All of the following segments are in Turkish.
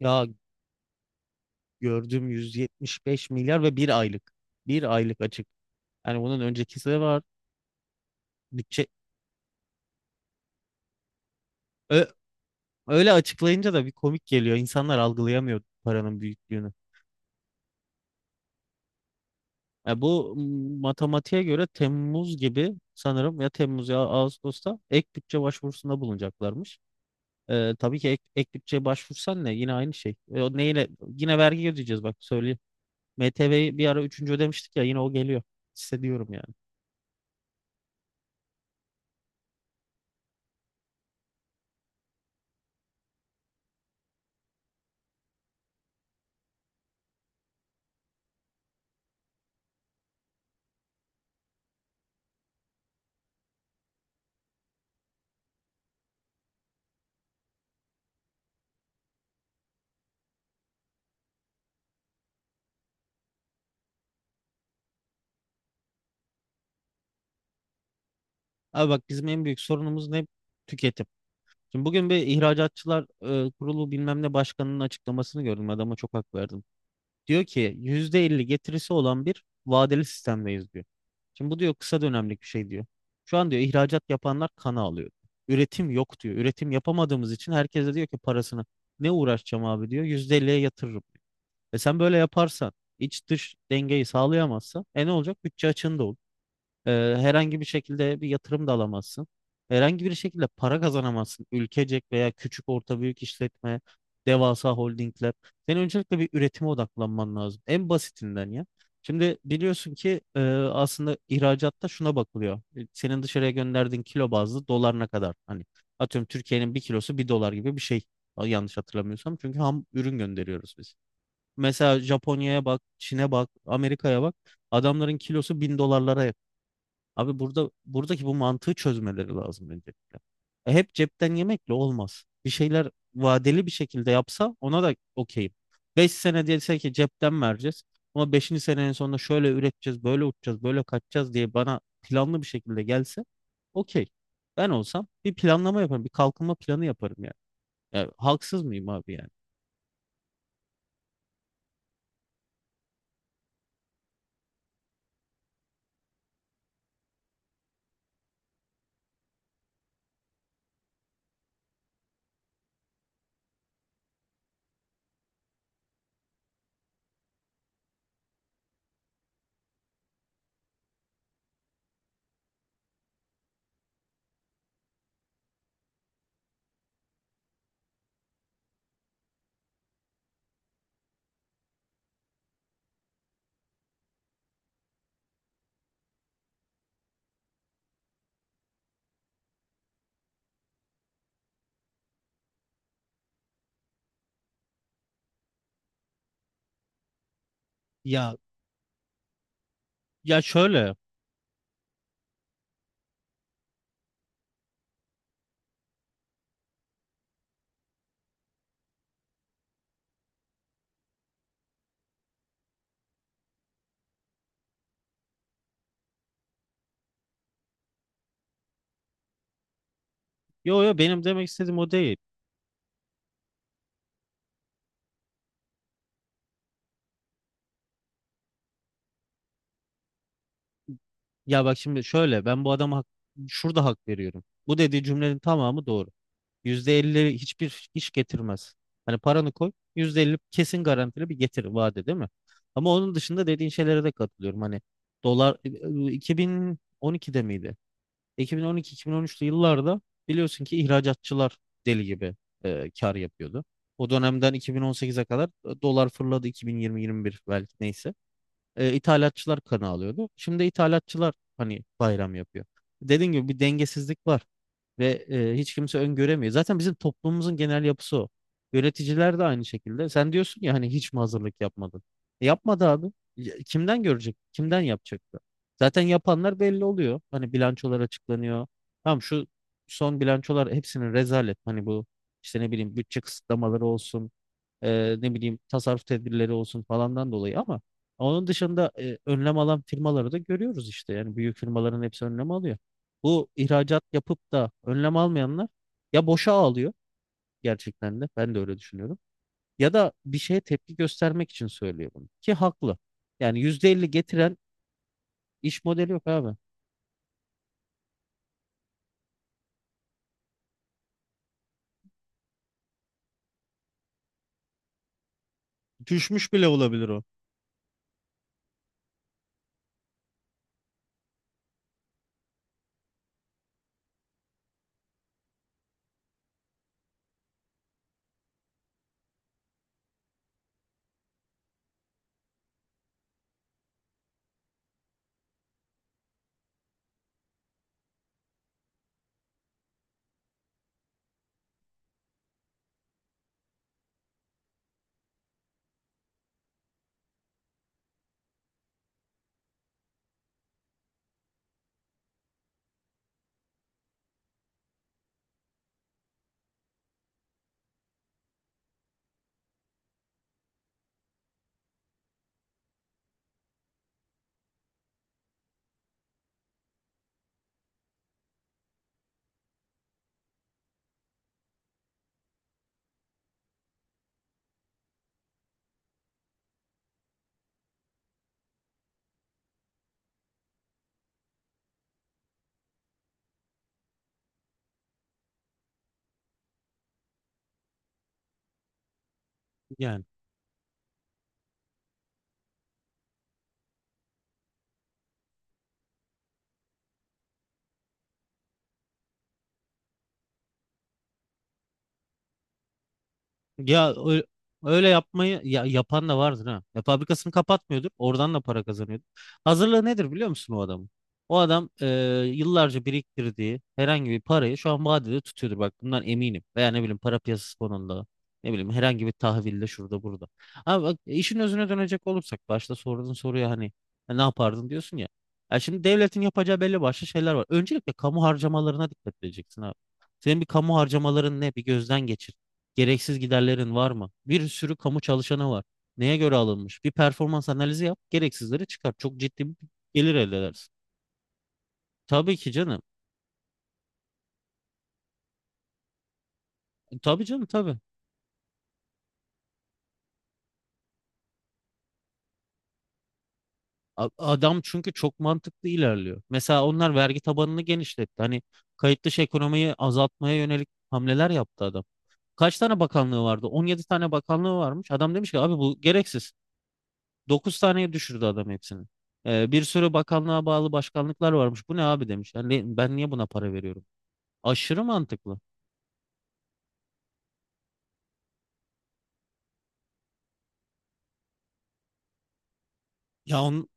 Ya gördüm 175 milyar ve bir aylık. Bir aylık açık. Yani bunun öncekisi de var. Bütçe Ö- Öyle açıklayınca da bir komik geliyor. İnsanlar algılayamıyor paranın büyüklüğünü. Ya bu matematiğe göre Temmuz gibi sanırım, ya Temmuz ya Ağustos'ta ek bütçe başvurusunda bulunacaklarmış. Tabii ki ek bütçe başvursan ne? Yine aynı şey. O neyle? Yine vergi ödeyeceğiz, bak söyleyeyim. MTV'yi bir ara üçüncü ödemiştik ya, yine o geliyor. Hissediyorum yani. Abi bak, bizim en büyük sorunumuz ne? Tüketim. Şimdi bugün bir ihracatçılar kurulu bilmem ne başkanının açıklamasını gördüm. Adama çok hak verdim. Diyor ki %50 getirisi olan bir vadeli sistemdeyiz, diyor. Şimdi bu, diyor, kısa dönemlik bir şey, diyor. Şu an, diyor, ihracat yapanlar kana alıyor. Üretim yok, diyor. Üretim yapamadığımız için herkes de diyor ki parasını ne uğraşacağım abi, diyor. %50'ye yatırırım, diyor. E sen böyle yaparsan, iç dış dengeyi sağlayamazsan ne olacak? Bütçe açığında olur. Ee, Herhangi bir şekilde bir yatırım da alamazsın. Herhangi bir şekilde para kazanamazsın. Ülkecek veya küçük, orta, büyük işletme, devasa holdingler. Senin öncelikle bir üretime odaklanman lazım. En basitinden ya. Şimdi biliyorsun ki aslında ihracatta şuna bakılıyor. Senin dışarıya gönderdiğin kilo bazlı dolar ne kadar? Hani, atıyorum, Türkiye'nin bir kilosu bir dolar gibi bir şey. Yanlış hatırlamıyorsam. Çünkü ham ürün gönderiyoruz biz. Mesela Japonya'ya bak, Çin'e bak, Amerika'ya bak. Adamların kilosu 1.000 dolarlara. Abi burada, buradaki bu mantığı çözmeleri lazım öncelikle. Hep cepten yemekle olmaz. Bir şeyler vadeli bir şekilde yapsa ona da okeyim. 5 sene dese ki cepten vereceğiz. Ama beşinci senenin sonunda şöyle üreteceğiz, böyle uçacağız, böyle kaçacağız diye bana planlı bir şekilde gelse, okey. Ben olsam bir planlama yaparım, bir kalkınma planı yaparım yani. Ya, haksız mıyım abi yani? Ya ya şöyle. Yo yo, benim demek istediğim o değil. Ya bak şimdi şöyle, ben bu adama şurada hak veriyorum. Bu dediği cümlenin tamamı doğru. %50 hiçbir iş getirmez. Hani paranı koy, %50 kesin garantili bir getir vaadi, değil mi? Ama onun dışında dediğin şeylere de katılıyorum. Hani dolar, 2012'de miydi? 2012-2013'lü yıllarda biliyorsun ki ihracatçılar deli gibi kar yapıyordu. O dönemden 2018'e kadar dolar fırladı, 2020-21 belki, neyse, ithalatçılar kanı alıyordu. Şimdi ithalatçılar hani bayram yapıyor. Dediğim gibi bir dengesizlik var ve hiç kimse öngöremiyor. Zaten bizim toplumumuzun genel yapısı o. Yöneticiler de aynı şekilde. Sen diyorsun ya, hani hiç mi hazırlık yapmadın? E, yapmadı abi. Ya, kimden görecek? Kimden yapacaktı? Zaten yapanlar belli oluyor. Hani bilançolar açıklanıyor. Tamam, şu son bilançolar hepsinin rezalet. Hani bu işte, ne bileyim, bütçe kısıtlamaları olsun, ne bileyim, tasarruf tedbirleri olsun falandan dolayı, ama onun dışında önlem alan firmaları da görüyoruz işte. Yani büyük firmaların hepsi önlem alıyor. Bu ihracat yapıp da önlem almayanlar ya boşa ağlıyor, gerçekten de ben de öyle düşünüyorum. Ya da bir şeye tepki göstermek için söylüyor bunu ki haklı. Yani %50 getiren iş modeli yok abi. Düşmüş bile olabilir o. Yani. Ya öyle yapmayı, ya, yapan da vardır ha. Ya fabrikasını kapatmıyordur, oradan da para kazanıyordur. Hazırlığı nedir biliyor musun o adamın? O adam, yıllarca biriktirdiği herhangi bir parayı şu an vadede tutuyordur. Bak, bundan eminim. Veya ne bileyim, para piyasası konunda. Ne bileyim, herhangi bir tahvilde, şurada burada. Ama bak, işin özüne dönecek olursak, başta sorduğun soruya hani "E, ne yapardın?" diyorsun ya. Ya şimdi devletin yapacağı belli başlı şeyler var. Öncelikle kamu harcamalarına dikkat edeceksin abi. Senin bir kamu harcamaların ne? Bir gözden geçir. Gereksiz giderlerin var mı? Bir sürü kamu çalışanı var. Neye göre alınmış? Bir performans analizi yap, gereksizleri çıkar. Çok ciddi bir gelir elde edersin. Tabii ki canım. E, tabii canım, tabii. Adam çünkü çok mantıklı ilerliyor. Mesela onlar vergi tabanını genişletti. Hani kayıt dışı ekonomiyi azaltmaya yönelik hamleler yaptı adam. Kaç tane bakanlığı vardı? 17 tane bakanlığı varmış. Adam demiş ki abi bu gereksiz. 9 taneye düşürdü adam hepsini. Bir sürü bakanlığa bağlı başkanlıklar varmış. Bu ne abi, demiş. Yani ben niye buna para veriyorum? Aşırı mantıklı. Ya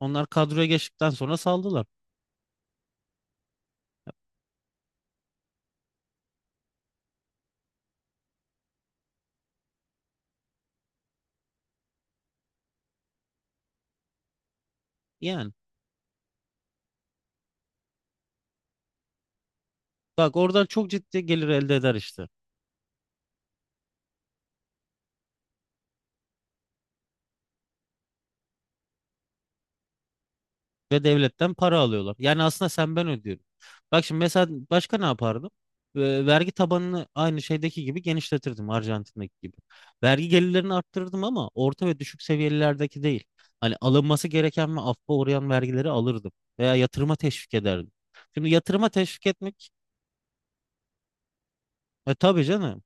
onlar kadroya geçtikten sonra saldılar. Yani bak, oradan çok ciddi gelir elde eder işte. Ve devletten para alıyorlar. Yani aslında sen, ben ödüyorum. Bak şimdi mesela, başka ne yapardım? Vergi tabanını aynı şeydeki gibi genişletirdim, Arjantin'deki gibi. Vergi gelirlerini arttırırdım, ama orta ve düşük seviyelerdeki değil. Hani alınması gereken ve affa uğrayan vergileri alırdım. Veya yatırıma teşvik ederdim. Şimdi yatırıma teşvik etmek, tabii canım.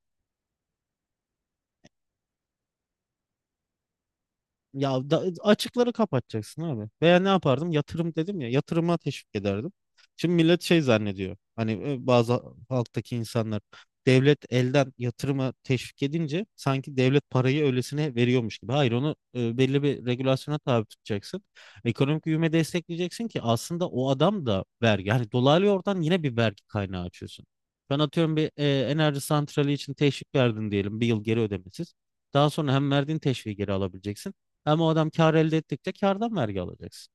Ya da açıkları kapatacaksın abi. Veya ne yapardım? Yatırım dedim ya. Yatırıma teşvik ederdim. Şimdi millet şey zannediyor. Hani, bazı halktaki insanlar, devlet elden yatırıma teşvik edince sanki devlet parayı öylesine veriyormuş gibi. Hayır, onu belli bir regülasyona tabi tutacaksın. Ekonomik büyüme destekleyeceksin ki aslında o adam da vergi. Yani dolaylı yoldan yine bir vergi kaynağı açıyorsun. Ben atıyorum, bir enerji santrali için teşvik verdin diyelim, bir yıl geri ödemesiz. Daha sonra hem verdiğin teşviği geri alabileceksin. Ama o adam kar elde ettikçe kardan vergi alacaksın.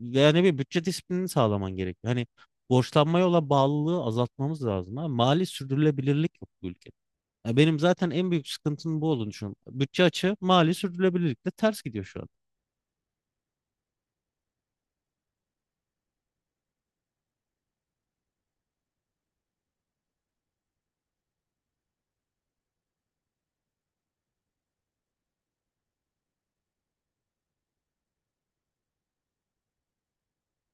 Yani bir bütçe disiplini sağlaman gerekiyor. Hani borçlanmaya olan bağlılığı azaltmamız lazım abi. Mali sürdürülebilirlik yok bu ülkede. Ya benim zaten en büyük sıkıntının bu olduğunu düşünüyorum. Bütçe açığı mali sürdürülebilirlikle ters gidiyor şu an.